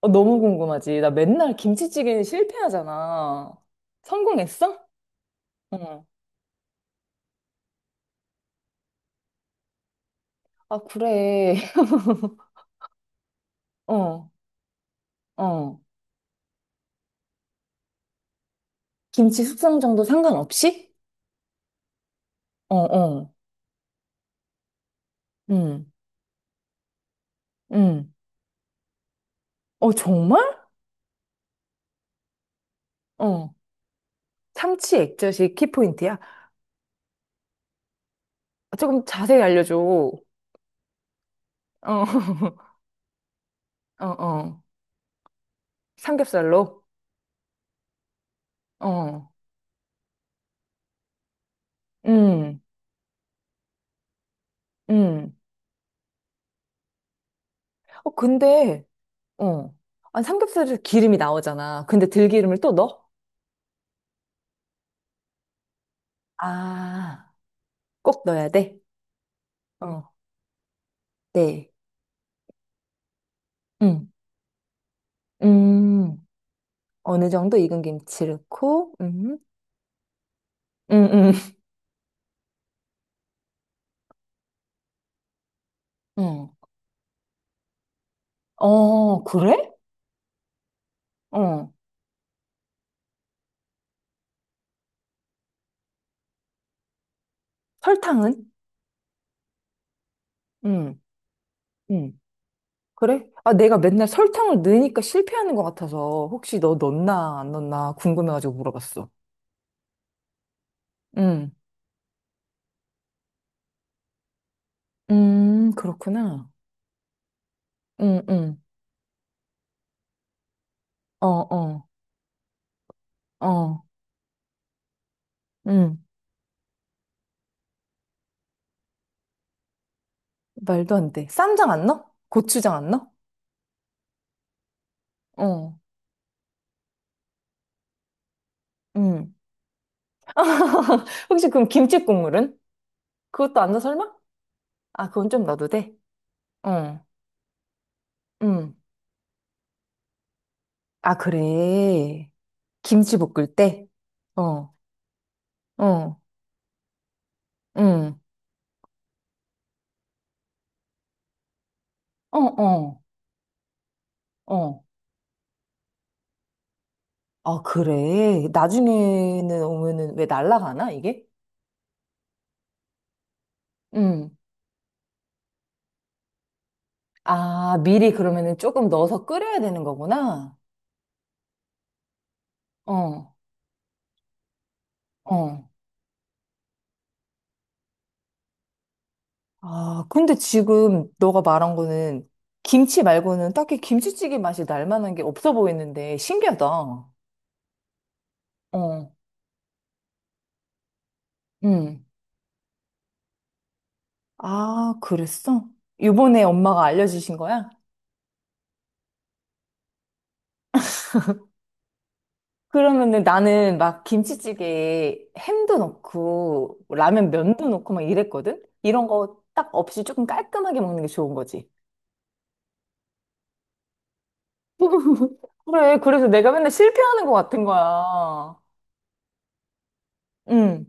어, 너무 궁금하지. 나 맨날 김치찌개는 실패하잖아. 성공했어? 응. 아, 그래. 어, 어. 김치 숙성 정도 상관없이? 어, 어. 응, 응. 어, 정말? 어. 참치 액젓이 키포인트야? 아, 조금 자세히 알려줘. 어, 어, 어. 삼겹살로? 어. 음, 음. 어, 근데, 어. 아, 삼겹살에서 기름이 나오잖아. 근데 들기름을 또 넣어? 아, 꼭 넣어야 돼? 어 네. 음, 음, 어느 정도 익은 김치 넣고, 음, 음, 음, 어, 그래? 어, 설탕은? 음, 음, 그래? 아, 내가 맨날 설탕을 넣으니까 실패하는 것 같아서 혹시 너 넣나 안 넣나 궁금해가지고 물어봤어. 음, 그렇구나. 음, 음, 어, 어, 어, 음, 말도 안 돼. 쌈장 안 넣어? 고추장 안 넣어? 어, 음. 혹시 그럼 김치 국물은? 그것도 안 넣어 설마? 아, 그건 좀 넣어도 돼? 어, 응. 아, 그래. 김치 볶을 때? 어, 어, 응. 어, 어, 어. 아, 그래. 나중에는 오면은 왜 날라가나, 이게? 응. 아, 미리 그러면은 조금 넣어서 끓여야 되는 거구나? 어, 어. 아, 근데 지금 너가 말한 거는 김치 말고는 딱히 김치찌개 맛이 날 만한 게 없어 보이는데 신기하다. 어, 응. 아, 그랬어? 요번에 엄마가 알려주신 거야? 그러면은 나는 막 김치찌개에 햄도 넣고 뭐 라면 면도 넣고 막 이랬거든? 이런 거 딱 없이 조금 깔끔하게 먹는 게 좋은 거지. 그래, 그래서 내가 맨날 실패하는 것 같은 거야. 응.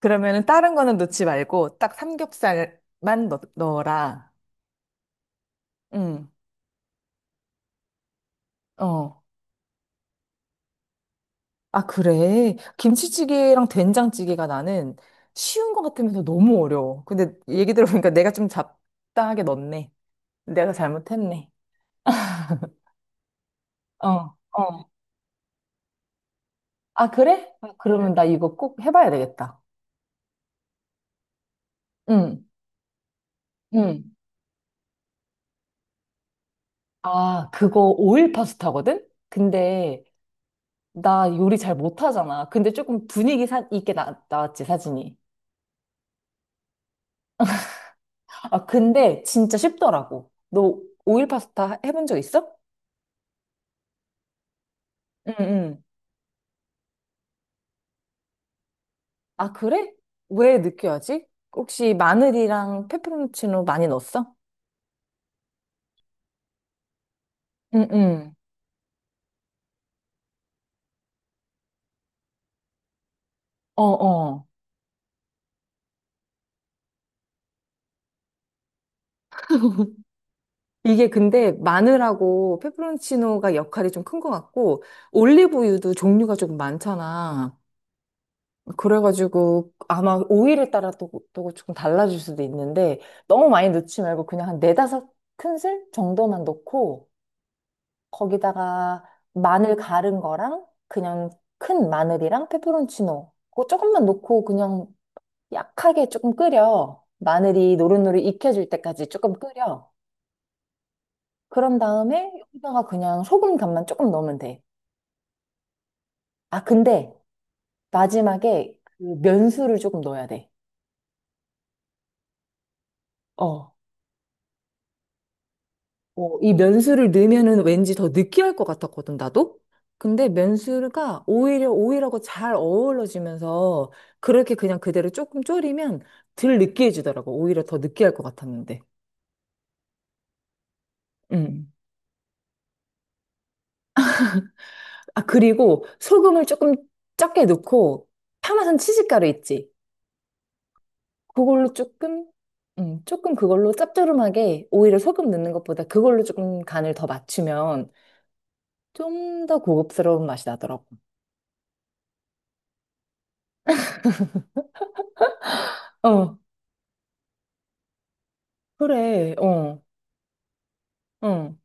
그러면은 다른 거는 넣지 말고 딱 삼겹살만 넣어라. 응. 어. 아, 그래? 김치찌개랑 된장찌개가 나는 쉬운 것 같으면서 너무 어려워. 근데 얘기 들어보니까 내가 좀 잡다하게 넣었네. 내가 잘못했네. 어, 어. 아, 그래? 아, 그러면 나 이거 꼭 해봐야 되겠다. 응, 응. 아, 그거 오일 파스타거든? 근데 나 요리 잘 못하잖아. 근데 조금 분위기 있게 나왔지, 사진이. 아, 근데 진짜 쉽더라고. 너 오일 파스타 해본 적 있어? 응, 응. 아, 그래? 왜 늦게 하지? 혹시 마늘이랑 페페론치노 많이 넣었어? 응, 응. 어, 어. 이게 근데 마늘하고 페페론치노가 역할이 좀 큰 것 같고, 올리브유도 종류가 조금 많잖아. 그래가지고 아마 오일에 따라 또 조금 달라질 수도 있는데, 너무 많이 넣지 말고 그냥 한 네다섯 큰술 정도만 넣고, 거기다가 마늘 갈은 거랑 그냥 큰 마늘이랑 페페론치노 그거 조금만 넣고 그냥 약하게 조금 끓여. 마늘이 노릇노릇 익혀질 때까지 조금 끓여. 그런 다음에 여기다가 그냥 소금 간만 조금 넣으면 돼. 아, 근데 마지막에 그 면수를 조금 넣어야 돼. 어. 어, 이 면수를 넣으면은 왠지 더 느끼할 것 같았거든, 나도? 근데 면수가 오히려 오일하고 잘 어우러지면서 그렇게 그냥 그대로 조금 졸이면 덜 느끼해지더라고. 오히려 더 느끼할 것 같았는데. 음. 아, 그리고 소금을 조금 적게 넣고 파마산 치즈가루 있지. 그걸로 조금, 조금 그걸로 짭조름하게 오히려 소금 넣는 것보다 그걸로 조금 간을 더 맞추면 좀 더 고급스러운 맛이 나더라고. 어, 그래, 어, 응,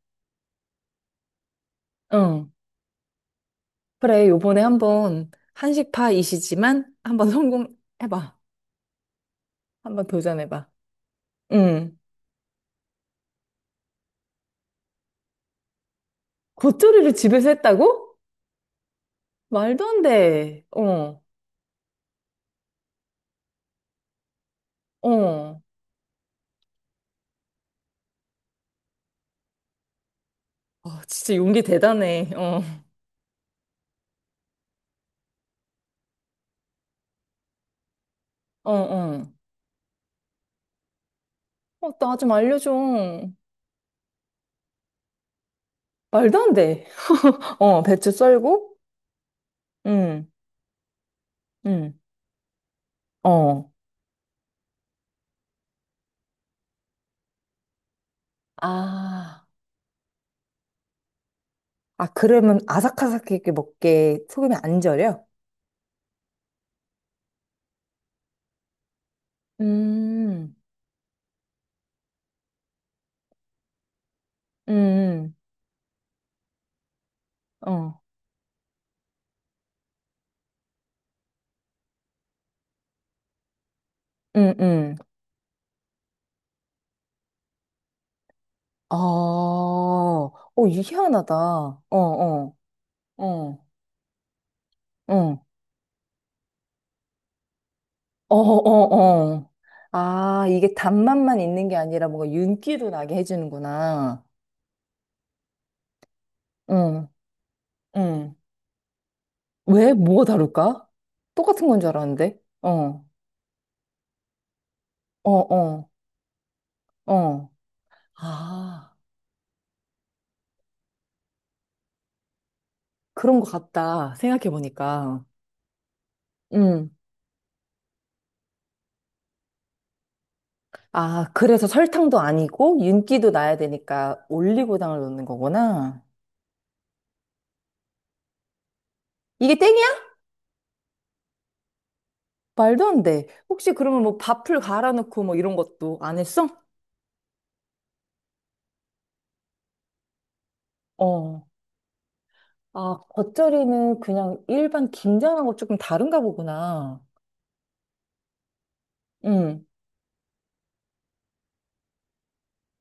응. 그래, 요번에 한번 한식파이시지만 한번 성공해봐. 한번 도전해봐. 응. 겉절이를 집에서 했다고? 말도 안 돼. 어, 어. 어, 진짜 용기 대단해. 어. 어, 어. 어, 나 좀 알려줘. 말도 안 돼. 어, 배추 썰고, 응, 응, 어. 아, 아, 그러면 아삭아삭하게 먹게 소금이 안 절여? 음, 응, 어, 응, 응. 아, 어, 이게 희한하다. 어, 어, 어, 어, 어, 어, 어. 아, 이게 단맛만 있는 게 아니라 뭔가 윤기도 나게 해주는구나. 응, 응. 왜? 뭐가 다를까? 똑같은 건 줄 알았는데. 어, 어, 어, 어. 아, 그런 것 같다. 생각해보니까. 음. 아, 그래서 설탕도 아니고 윤기도 나야 되니까 올리고당을 넣는 거구나. 이게 땡이야? 말도 안 돼. 혹시 그러면 뭐 밥풀 갈아 넣고 뭐 이런 것도 안 했어? 어. 아, 겉절이는 그냥 일반 김장하고 조금 다른가 보구나. 응.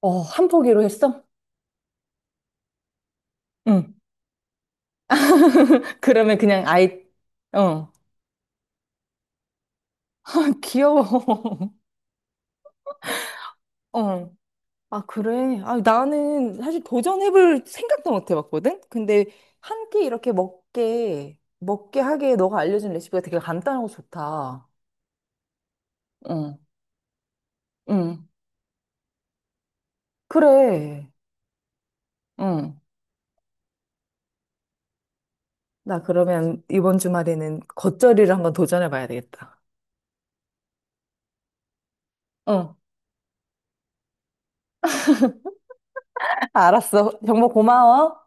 어, 한 포기로 했어? 응. 그러면 그냥 아예, 어. 귀여워. 어. 아, 그래? 아, 나는 사실 도전해볼 생각도 못 해봤거든? 근데 한 끼 이렇게 먹게 하게 너가 알려준 레시피가 되게 간단하고 좋다. 응, 응. 그래. 응. 나 그러면 이번 주말에는 겉절이를 한번 도전해봐야 되겠다. 응. 알았어. 정보 고마워.